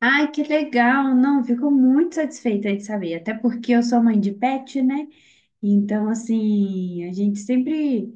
Ai, que legal! Não, fico muito satisfeita de saber, até porque eu sou mãe de pet, né? Então, assim, a gente sempre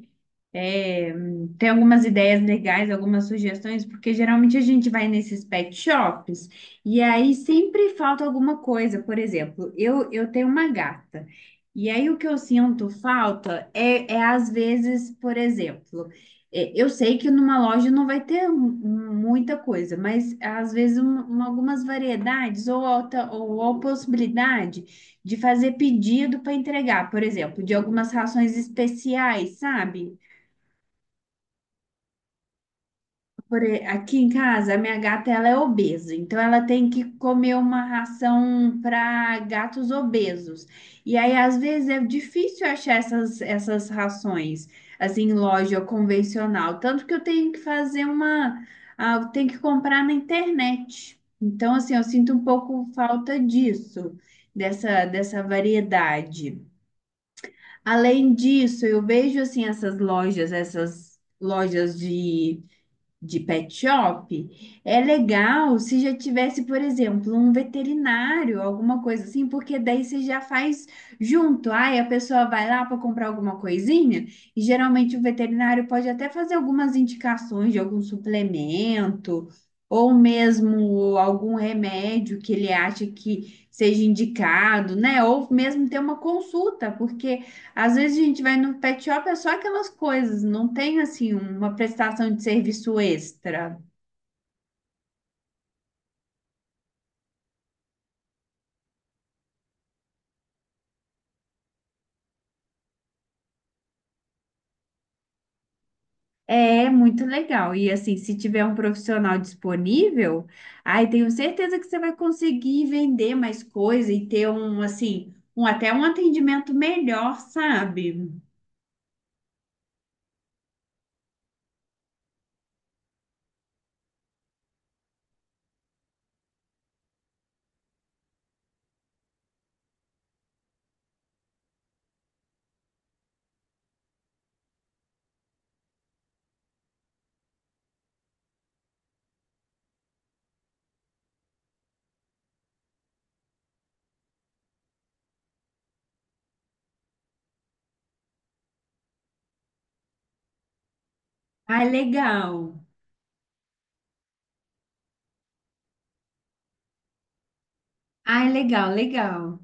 é, tem algumas ideias legais, algumas sugestões, porque geralmente a gente vai nesses pet shops e aí sempre falta alguma coisa. Por exemplo, eu tenho uma gata. E aí o que eu sinto falta é às vezes. Por exemplo, eu sei que numa loja não vai ter muita coisa, mas às vezes algumas variedades ou alta, ou a possibilidade de fazer pedido para entregar, por exemplo, de algumas rações especiais, sabe? Aqui em casa, a minha gata ela é obesa, então ela tem que comer uma ração para gatos obesos. E aí, às vezes, é difícil achar essas rações assim, em loja convencional. Tanto que eu tenho que fazer uma. Eu tenho que comprar na internet. Então, assim, eu sinto um pouco falta disso, dessa variedade. Além disso, eu vejo assim essas lojas, essas lojas de pet shop. É legal se já tivesse, por exemplo, um veterinário, alguma coisa assim, porque daí você já faz junto. Aí a pessoa vai lá para comprar alguma coisinha, e geralmente o veterinário pode até fazer algumas indicações de algum suplemento, ou mesmo algum remédio que ele acha que seja indicado, né? Ou mesmo ter uma consulta, porque às vezes a gente vai no pet shop, é só aquelas coisas, não tem assim uma prestação de serviço extra. É muito legal. E assim, se tiver um profissional disponível, aí tenho certeza que você vai conseguir vender mais coisa e ter um assim, um até um atendimento melhor, sabe? Ai, legal. Ai, legal, legal.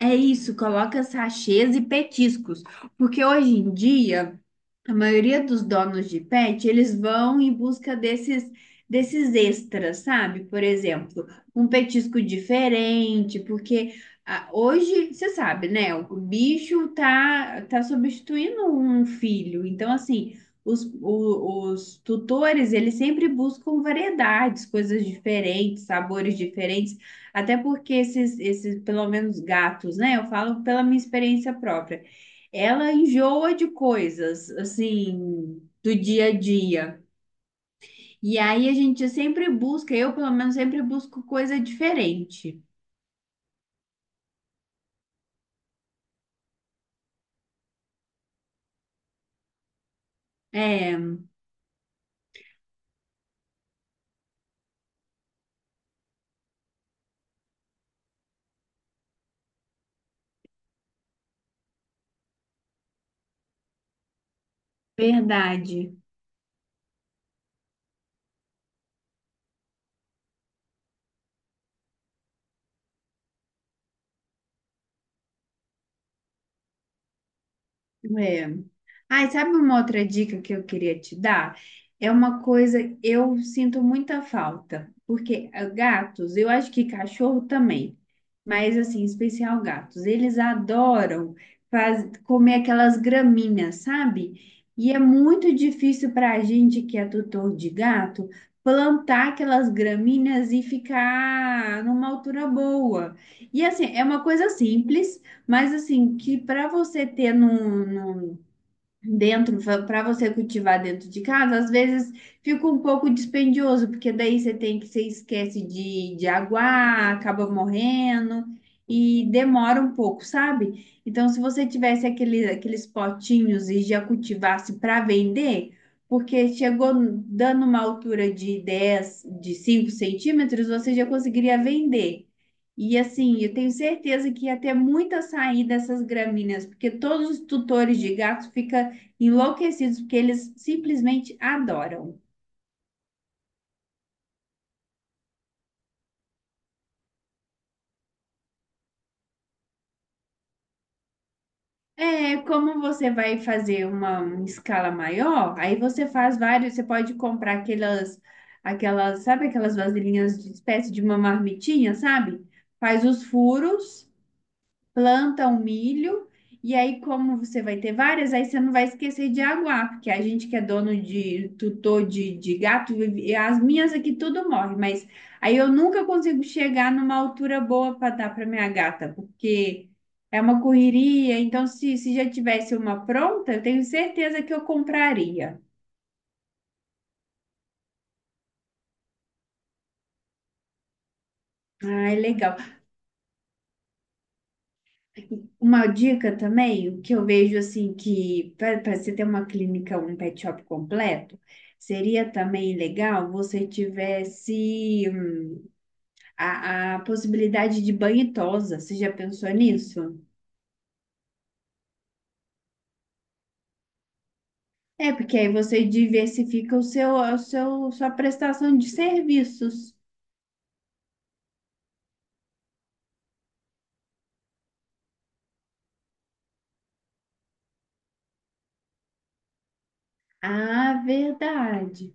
É isso, coloca sachês e petiscos, porque hoje em dia a maioria dos donos de pet, eles vão em busca desses extras, sabe? Por exemplo, um petisco diferente, porque ah, hoje, você sabe, né? O bicho tá substituindo um filho. Então, assim, os tutores, eles sempre buscam variedades, coisas diferentes, sabores diferentes, até porque esses, pelo menos gatos, né? Eu falo pela minha experiência própria. Ela enjoa de coisas, assim, do dia a dia. E aí a gente sempre busca, eu pelo menos sempre busco coisa diferente. É, verdade. É. Ai, sabe uma outra dica que eu queria te dar? É uma coisa, eu sinto muita falta, porque ah, gatos, eu acho que cachorro também, mas assim, em especial gatos, eles adoram comer aquelas graminhas, sabe? E é muito difícil para a gente que é tutor de gato plantar aquelas graminhas e ficar numa altura boa. E assim, é uma coisa simples. Mas assim, que para você ter dentro, para você cultivar dentro de casa, às vezes fica um pouco dispendioso, porque daí você esquece de aguar, acaba morrendo e demora um pouco, sabe? Então, se você tivesse aquele, aqueles potinhos e já cultivasse para vender, porque chegou dando uma altura de 5 centímetros, você já conseguiria vender. E assim, eu tenho certeza que ia ter muita saída dessas gramíneas, porque todos os tutores de gatos ficam enlouquecidos, porque eles simplesmente adoram. É, como você vai fazer uma escala maior, aí você faz vários, você pode comprar aquelas, sabe aquelas vasilhinhas de espécie de uma marmitinha, sabe? Faz os furos. Planta o milho, e aí, como você vai ter várias, aí você não vai esquecer de aguar, porque a gente que é dono de tutor de gato, e as minhas aqui tudo morre, mas aí eu nunca consigo chegar numa altura boa para dar para minha gata, porque é uma correria. Então se já tivesse uma pronta, eu tenho certeza que eu compraria. Ah, é legal. Uma dica também, o que eu vejo assim que para você ter uma clínica, um pet shop completo, seria também legal você tivesse a possibilidade de banho e tosa. Você já pensou nisso? É, porque aí você diversifica sua prestação de serviços. Ah, verdade.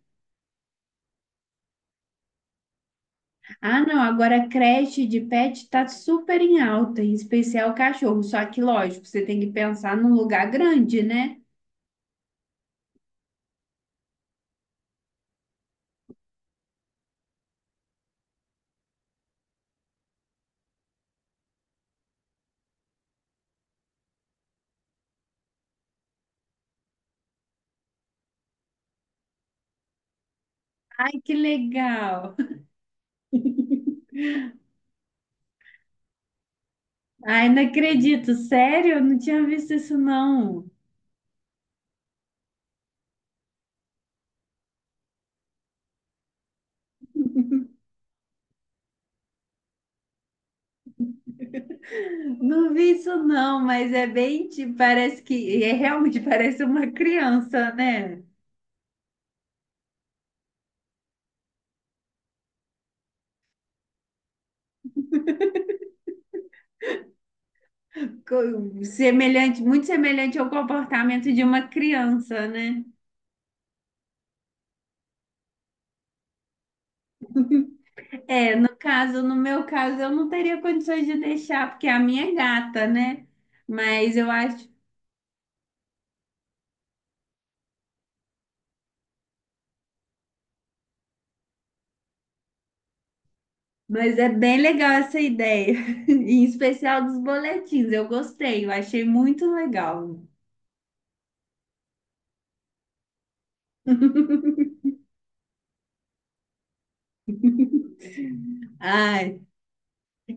Ah, não, agora a creche de pet está super em alta, em especial cachorro. Só que, lógico, você tem que pensar num lugar grande, né? Que legal! Ai, não acredito, sério? Eu não tinha visto isso, não. Não vi isso, não, mas é bem, tipo, parece que, é realmente parece uma criança, né? Semelhante, muito semelhante ao comportamento de uma criança, né? No caso, no meu caso, eu não teria condições de deixar, porque é a minha é gata, né? Mas eu acho, mas é bem legal essa ideia, em especial dos boletins. Eu gostei, eu achei muito legal. Ai.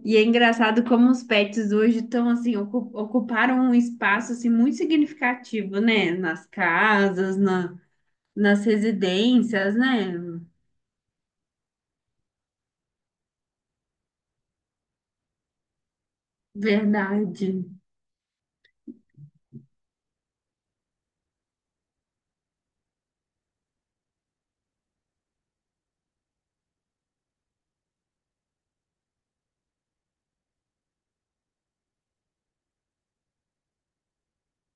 E é engraçado como os pets hoje estão assim, ocuparam um espaço assim muito significativo, né? Nas casas, nas residências, né? Verdade.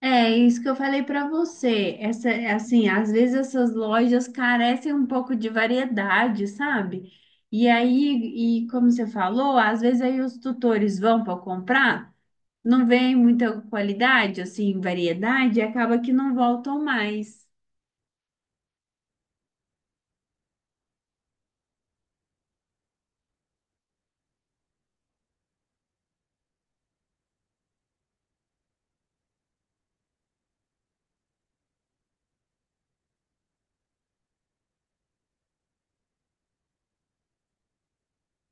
É isso que eu falei para você. Assim, às vezes essas lojas carecem um pouco de variedade, sabe? E aí, e como você falou, às vezes aí os tutores vão para comprar, não vem muita qualidade, assim, variedade, e acaba que não voltam mais.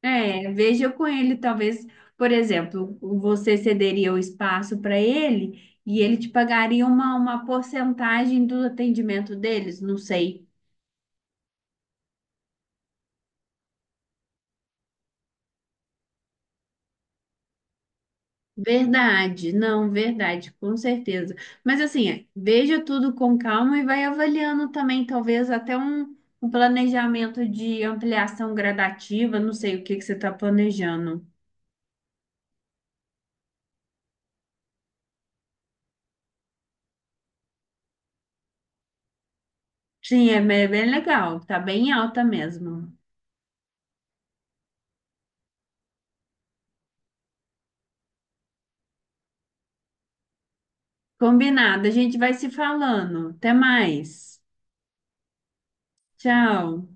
É, veja com ele, talvez, por exemplo, você cederia o espaço para ele e ele te pagaria uma porcentagem do atendimento deles, não sei. Verdade, não, verdade, com certeza. Mas assim, é, veja tudo com calma e vai avaliando também, talvez até um planejamento de ampliação gradativa, não sei o que que você está planejando. Sim, é bem bem legal, tá bem alta mesmo. Combinado, a gente vai se falando. Até mais. Tchau.